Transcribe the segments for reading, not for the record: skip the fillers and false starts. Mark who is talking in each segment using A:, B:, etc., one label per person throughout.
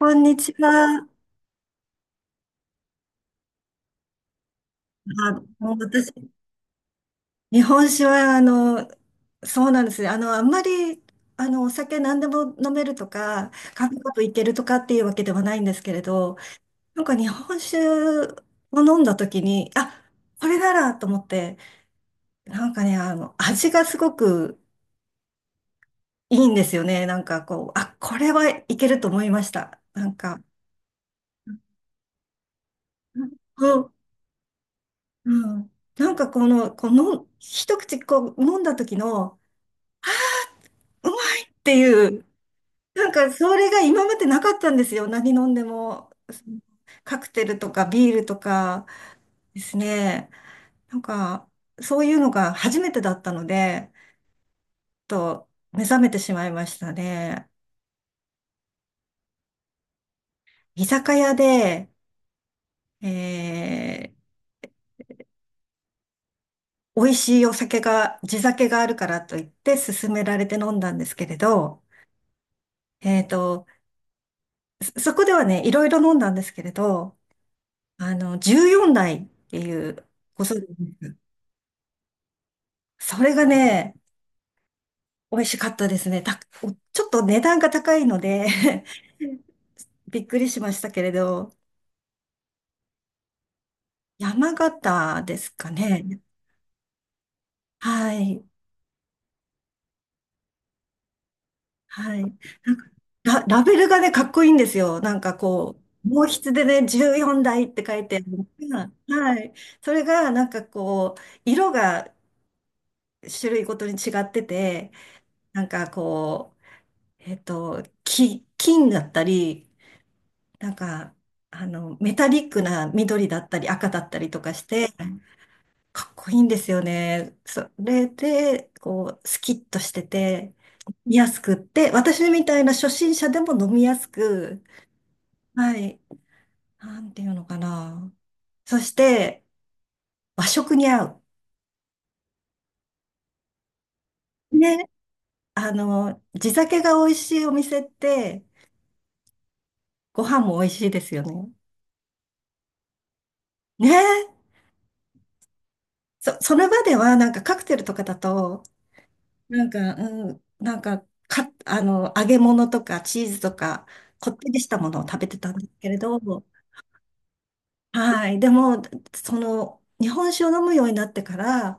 A: こんにちは。あ、もう私、日本酒は、そうなんですね。あんまり、お酒何でも飲めるとか、カクカといけるとかっていうわけではないんですけれど、なんか日本酒を飲んだ時に、あ、これならと思って、なんかね、味がすごくいいんですよね。なんかこう、あ、これはいけると思いました。なんか、うん、うん。なんかこの、一口こう飲んだ時の、うまいっていう、なんかそれが今までなかったんですよ。何飲んでも、そのカクテルとかビールとかですね。なんか、そういうのが初めてだったので、ちょっと目覚めてしまいましたね。居酒屋で、え美味しいお酒が、地酒があるからと言って勧められて飲んだんですけれど、えーと、そそこではね、いろいろ飲んだんですけれど、14代っていう、ご存知ですそれがね、美味しかったですね。た、おちょっと値段が高いので びっくりしましたけれど、山形ですかね。はい。はい。なんかラ、ラベルがね、かっこいいんですよ。なんかこう、毛筆でね、14台って書いてあるのがはい。それが、なんかこう、色が種類ごとに違ってて、なんかこう、き金だったり、なんか、メタリックな緑だったり赤だったりとかして、かっこいいんですよね。それで、こう、スキッとしてて、飲みやすくって、私みたいな初心者でも飲みやすく、はい、なんていうのかな。そして、和食に合う。ね、地酒が美味しいお店って、ご飯も美味しいですよね。ね、そ、その場ではなんかカクテルとかだと、なんか、うん、なんか、か、揚げ物とかチーズとか、こってりしたものを食べてたんですけれど、はい。でも、その、日本酒を飲むようになってから、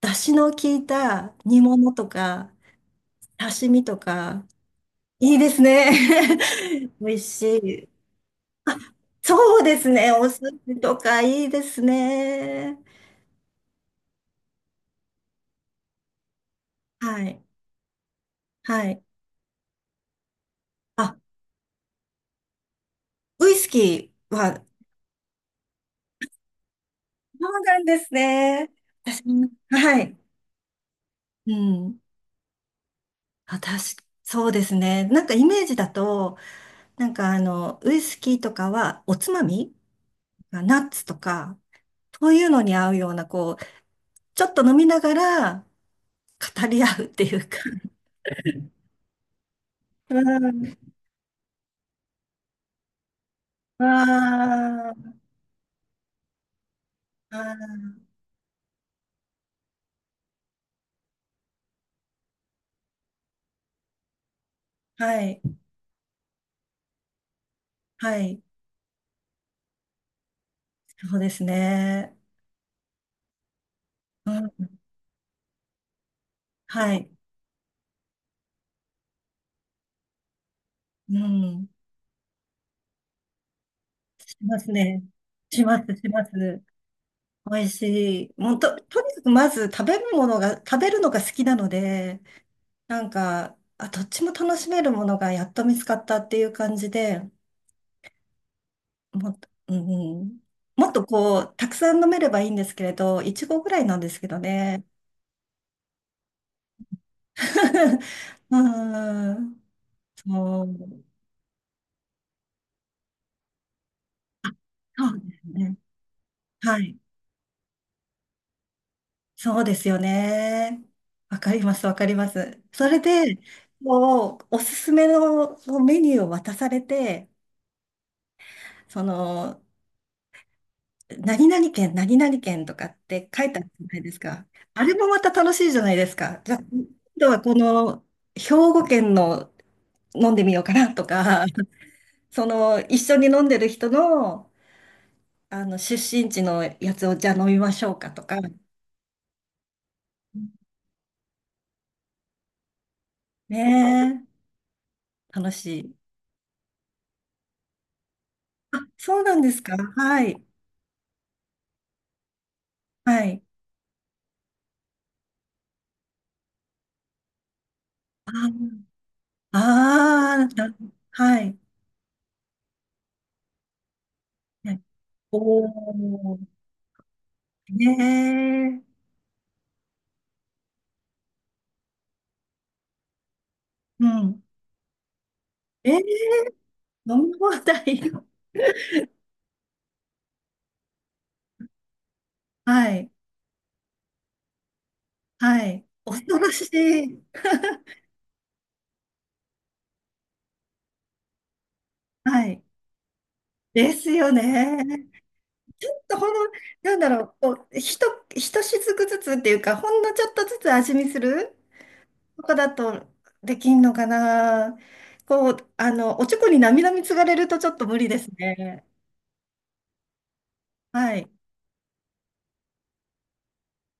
A: 出汁の効いた煮物とか、刺身とか、いいですね。美味しい。あ、そうですね。お寿司とかいいですね。はい。はい。あ、ウイスキーは、そうなんですね。私もはい。うん。あ、確か、そうですね。なんかイメージだと、なんかウイスキーとかはおつまみナッツとか、そういうのに合うような、こう、ちょっと飲みながら語り合うっていうか。うん。あーあー、はい、はい、そうですね。うん、はい、うん、しますね。します、します。美味しい。もうと、とにかくまず食べるものが、食べるのが好きなので、なんか、あ、どっちも楽しめるものがやっと見つかったっていう感じで、もっと、うん、もっとこう、たくさん飲めればいいんですけれど、いちごぐらいなんですけどね。うん、そう、そうですね。はい。そうですよね。わかります、わかります。それで、こう、おすすめのメニューを渡されて、その、何々県、何々県とかって書いてあるじゃないですか。あれもまた楽しいじゃないですか。じゃあ、今度はこの兵庫県の飲んでみようかなとか、その一緒に飲んでる人の、あの出身地のやつをじゃあ飲みましょうかとか、ねえ、楽しい。あ、そうなんですか。はい。はい。ああー、なはい。ねおー、ねえ、うん。えー飲み放題。はい、はい、恐ろしい、はい、ですよね。ちょっとほんの、なんだろう、こう、ひと、ひとしずくずつっていうか、ほんのちょっとずつ味見するとかだとできんのかな。こう、おちょこになみなみつがれるとちょっと無理ですね。はい、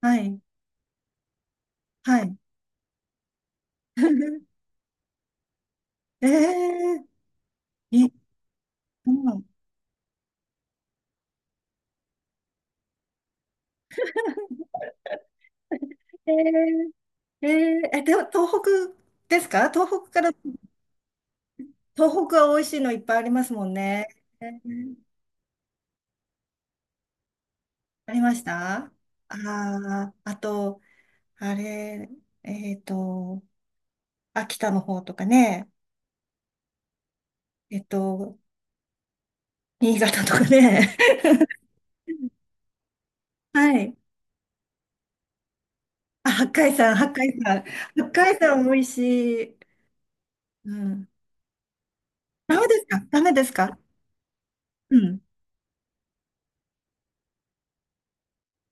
A: はい、はい。ええい、うん、えええええ、でも東北ですか東北から、東北は美味しいのいっぱいありますもんね。ありましたあああと、あれ、えっと、秋田の方とかね、えっと、新潟とかね。はい。あ、八海山、八海山。八海山美味しい。うん。ダメですかダメですかうん。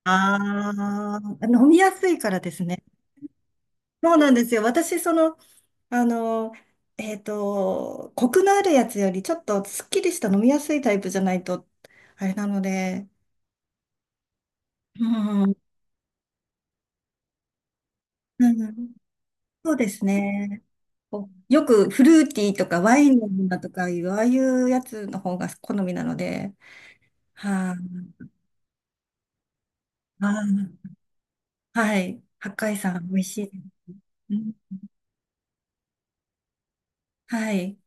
A: ああ、飲みやすいからですね。そうなんですよ。私、その、あの、コクのあるやつより、ちょっとすっきりした飲みやすいタイプじゃないと、あれなので、うん。うんうん、そうですね。こうよくフルーティーとかワインのものとかいう、ああいうやつの方が好みなので、はい、あーはい。八海山、美味しい。うん、はい。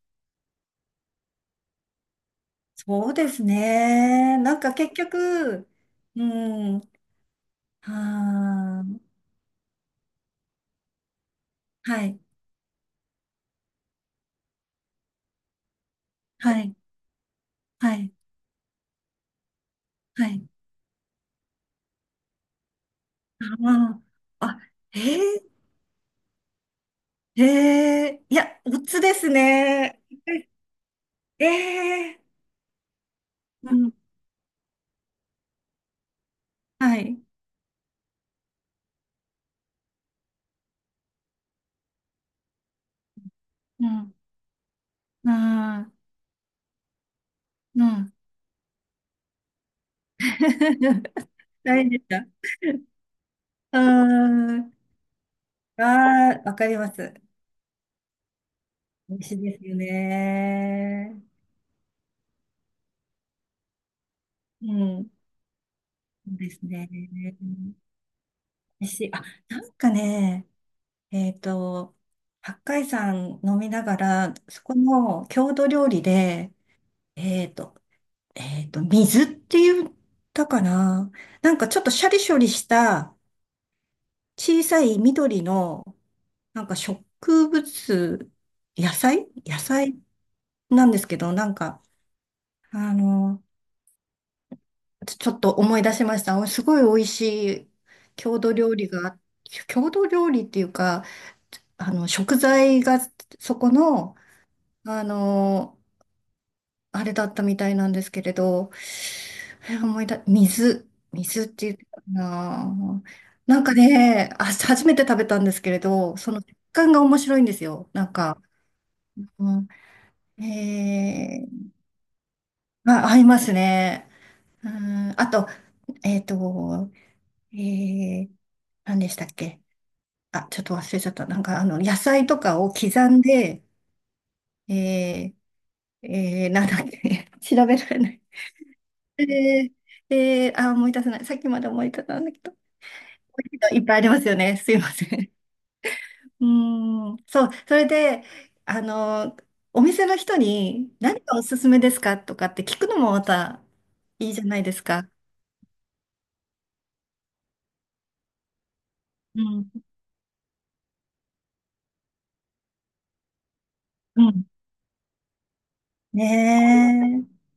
A: そうですね。なんか結局、うん、はーはい、はい、はい、はい。あー、あ、えー、えー、いや、おつですね。えー、うん、はい。うん、うんうん。大変でした。うーん。ああ、わかります。美味しいですよね。うん。そうですね。美味しい。あ、なんかね、えっと、八海山飲みながら、そこの郷土料理で、えっと、水って言ったかな。なんかちょっとシャリシャリした小さい緑の、なんか植物、野菜野菜なんですけど、なんか、あの、ちちょっと思い出しました。すごい美味しい郷土料理が、郷土料理っていうか、あの、食材がそこの、あの、あれだったみたいなんですけれど、え思い出、水、水って言ってたかな。なんかね、あ、初めて食べたんですけれど、その食感が面白いんですよ。なんか、うん、えー、あ、合いますね。うん、あと、えっと、ええ何でしたっけあ、ちょっと忘れちゃった。なんか、あの、野菜とかを刻んで、えー、えー、なんだっけ、調べられない。えー、えー、あ、思い出せない。さっきまで思い出せたんだけど。いっぱいありますよね。すいません。うーん、そう、それで、あの、お店の人に何がおすすめですかとかって聞くのもまたいいじゃないですか。うん、うん。ねえ。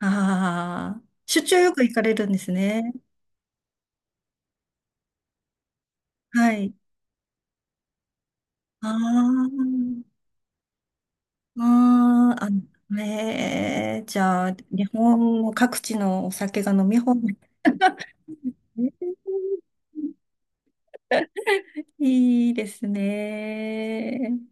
A: ああ、出張よく行かれるんですね。はい。ああ、ああ、あ、ねえじゃあ、日本の各地のお酒が飲み放題。えーいいですね。